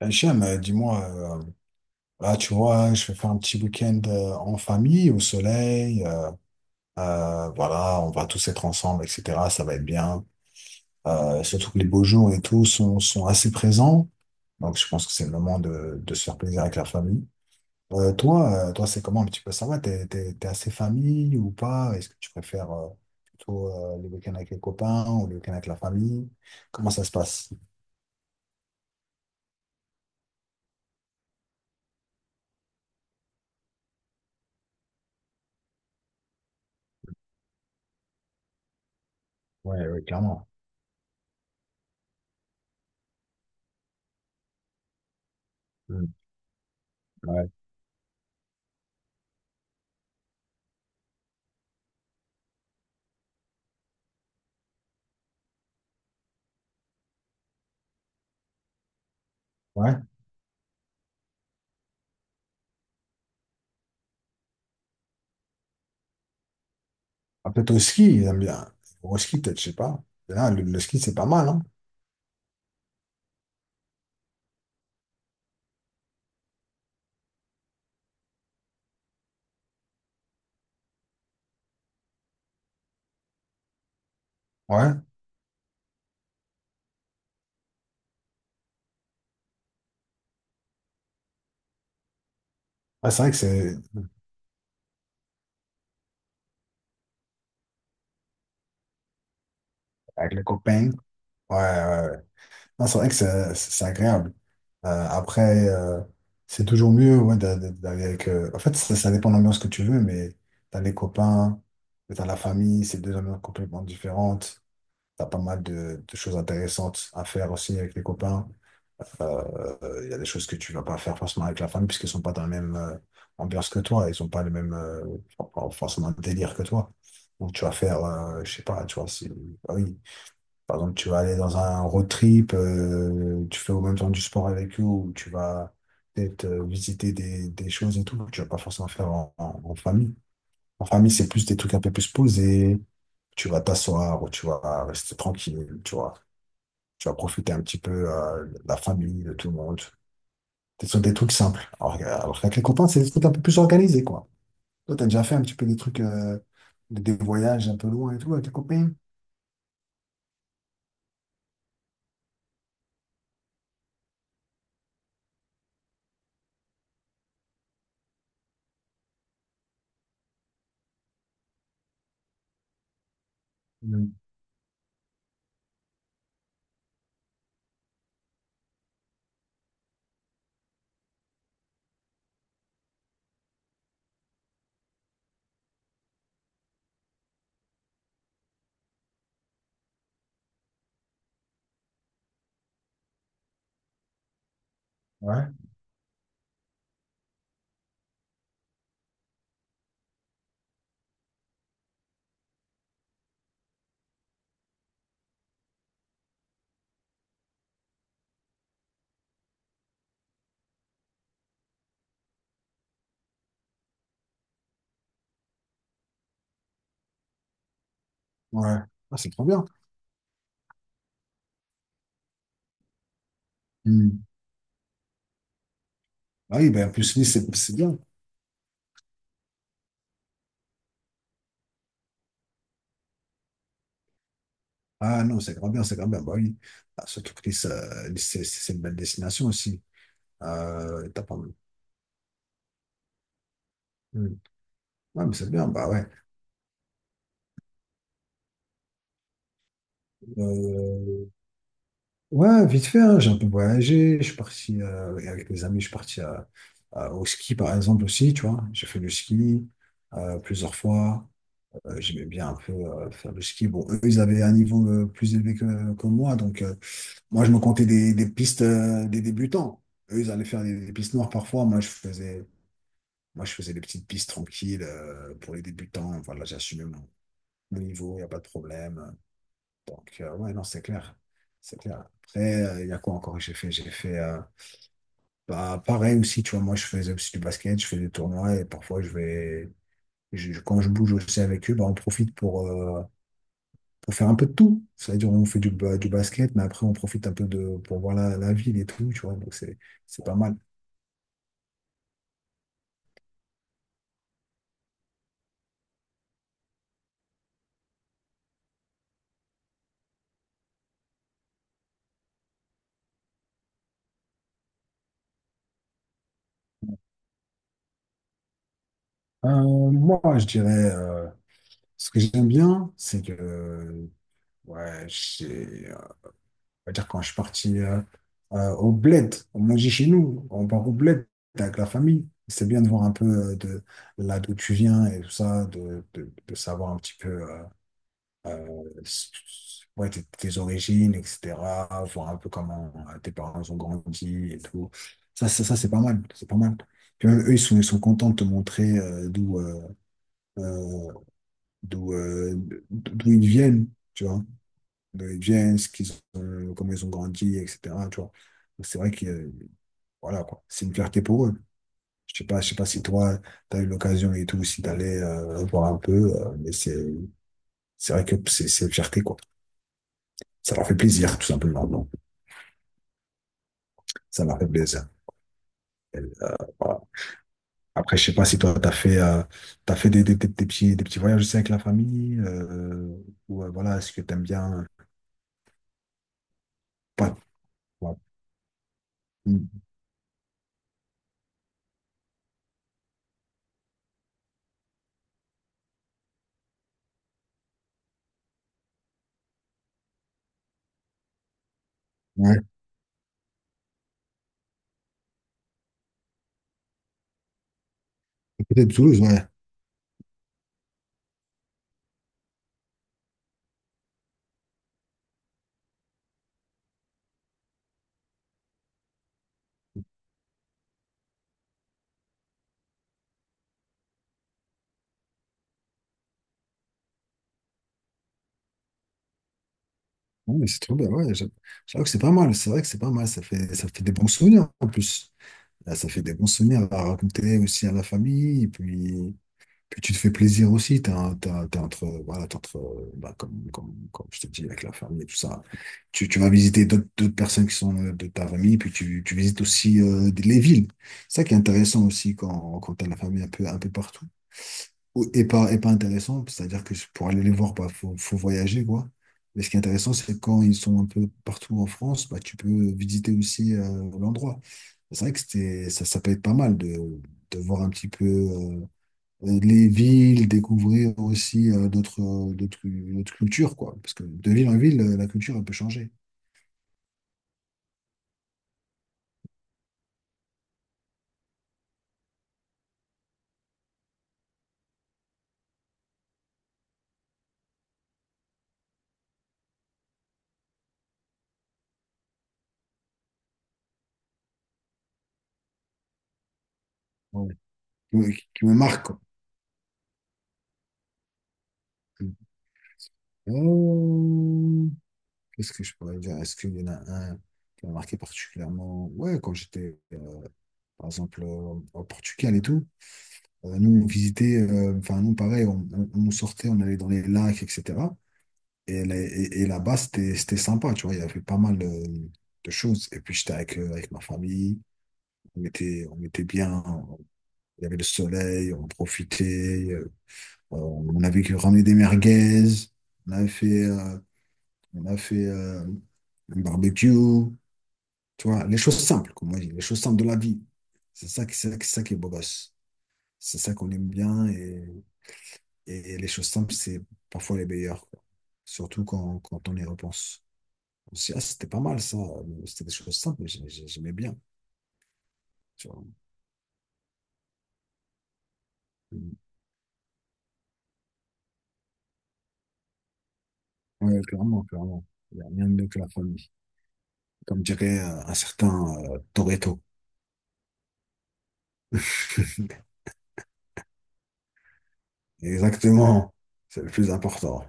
Hachem, dis-moi, euh, là, tu vois, je vais faire un petit week-end en famille, au soleil. Voilà, on va tous être ensemble, etc. Ça va être bien. Surtout que les beaux jours et tout sont, sont assez présents. Donc, je pense que c'est le moment de se faire plaisir avec la famille. Toi, toi, c'est comment un petit peu, ça va? T'es assez famille ou pas? Est-ce que tu préfères plutôt les week-ends avec les copains ou les week-ends avec la famille? Comment ça se passe? Ouais, ouais, clairement. Mm. Ouais. Ouais. Ah, peut-être au ski, ils aiment bien. Au ski, peut-être, je sais pas. Mais là, le ski, c'est pas mal, hein? Ouais. Ouais, c'est vrai que c'est avec les copains. Ouais, ouais, ouais. Non, c'est vrai que c'est agréable. Euh, après, euh, c'est toujours mieux, ouais, d'aller avec. En fait, ça dépend de l'ambiance que tu veux, mais t'as les copains, t'as la famille, c'est deux ambiances complètement différentes. T'as pas mal de choses intéressantes à faire aussi avec les copains. Il y a des choses que tu vas pas faire forcément avec la famille, puisqu'ils sont pas dans la même ambiance que toi. Ils sont pas le même forcément délire que toi. Donc tu vas faire, je sais pas, tu vois, si, ah oui. Par exemple, tu vas aller dans un road trip, tu fais au même temps du sport avec eux, ou tu vas peut-être visiter des choses et tout. Que Tu vas pas forcément faire en famille. En famille, c'est plus des trucs un peu plus posés, tu vas t'asseoir ou tu vas rester tranquille, tu vois. Tu vas profiter un petit peu de la famille, de tout le monde. Ce sont des trucs simples. Alors qu'avec les copains, c'est des trucs un peu plus organisés, quoi. Toi, t'as déjà fait un petit peu des trucs, des voyages un peu loin et tout avec les copains? Mm. Ouais, ouais. Ah, c'est trop bien. Mm. Ah oui, ben, en plus, Nice, c'est bien. Ah non, c'est grand bien, c'est grand bien. Bah oui. Ah, surtout que Nice, Nice, une belle destination aussi. T'as pas... Mm. Ouais, mais c'est bien, bah ouais. Euh, Ouais, vite fait, hein, j'ai un peu voyagé, je suis parti avec mes amis, je suis parti au ski par exemple aussi, tu vois. J'ai fait du ski plusieurs fois. J'aimais bien un peu faire du ski. Bon, eux, ils avaient un niveau plus élevé que moi, donc moi, je me comptais des pistes des débutants. Eux, ils allaient faire des pistes noires parfois. Moi, je faisais des petites pistes tranquilles pour les débutants. Voilà, j'assumais mon, mon niveau, il n'y a pas de problème. Donc, ouais, non, c'est clair. C'est clair. Après, il y a quoi encore que j'ai fait? J'ai fait, bah, pareil aussi, tu vois, moi, je faisais aussi du basket, je fais des tournois, et parfois, je vais, je- quand je bouge aussi avec eux, bah, on profite pour faire un peu de tout. C'est-à-dire, on fait du basket, mais après, on profite un peu pour voir la ville et tout, tu vois, donc c'est pas mal. Euh, Moi, je dirais, ce que j'aime bien, c'est que, ouais, j'ai- on va dire, quand je suis parti au bled, on mangeait chez nous, on part au bled avec la famille. C'est bien de voir un peu de là d'où tu viens et tout ça, de savoir un petit peu ouais, tes, tes origines, etc. Voir un peu comment tes parents ont grandi et tout. Ça, c'est pas mal, c'est pas mal. Puis même eux, ils sont contents de te montrer euh, d'où euh, d'où ils viennent, tu vois, de les gens, comment ils ont grandi, etc. Tu vois. Donc, c'est vrai que, voilà, quoi. C'est une fierté pour eux. Je sais pas si toi, tu as eu l'occasion et tout, si tu allais voir un peu, c'est vrai que c'est une fierté, quoi. Ça leur fait plaisir, tout simplement. Non Ça leur fait plaisir. Et, voilà. Après, je sais pas si toi, tu as fait, t'as fait des petits voyages aussi avec la famille, ou voilà, est-ce que tu aimes bien. Pas, ouais. Ouais, peut-être Toulouse, ouais. Ouais, mais c'est trop bien, ouais. J'avoue que c'est pas mal, c'est vrai que c'est pas mal, ça fait des bons souvenirs en plus. Là, ça fait des bons souvenirs à raconter aussi à la famille, puis tu te fais plaisir aussi, t'es entre, voilà, t'es entre, bah, comme je te dis, avec la famille et tout ça. Tu vas visiter d'autres personnes qui sont de ta famille, puis tu visites aussi les villes. C'est ça qui est intéressant aussi, quand t'as la famille un peu partout, et pas intéressant, c'est-à-dire que pour aller les voir, bah, faut voyager, quoi. Mais ce qui est intéressant, c'est que quand ils sont un peu partout en France, bah, tu peux visiter aussi l'endroit. C'est vrai que c'était, ça peut être pas mal de voir un petit peu les villes, découvrir aussi d'autres cultures, quoi. Parce que de ville en ville, la culture, elle peut changer. Ouais. Qui me marque, quoi. Euh, Qu'est-ce que je pourrais dire? Est-ce qu'il y en a un qui m'a marqué particulièrement? Ouais, quand j'étais par exemple au Portugal et tout. Nous, on visitait, enfin, nous, pareil, on sortait, on allait dans les lacs, etc. Et là-bas, c'était, c'était sympa, tu vois, il y avait pas mal de choses. Et puis, j'étais avec, avec ma famille, on était bien, il y avait le soleil, on avait ramené des merguez, on avait fait, on a fait un barbecue, tu vois, les choses simples, comme on dit, les choses simples de la vie. C'est ça qui est beau gosse. C'est ça qu'on aime bien, et les choses simples, c'est parfois les meilleures, quoi. Surtout quand on y repense. On se dit, ah, c'était pas mal ça, c'était des choses simples, mais j'aimais bien. Tu vois. Ouais, clairement, clairement. Il n'y a rien de mieux que la famille. Comme dirait un certain Toretto. Exactement, c'est le plus important.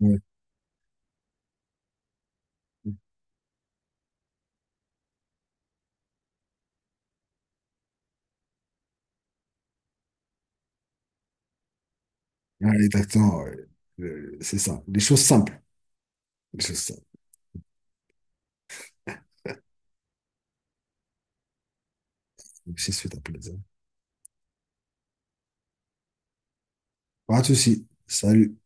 Ouais. Ouais, exactement, ouais. C'est ça. Des choses simples. Les choses simples. Même si c'est un plaisir. Pas de souci. Salut.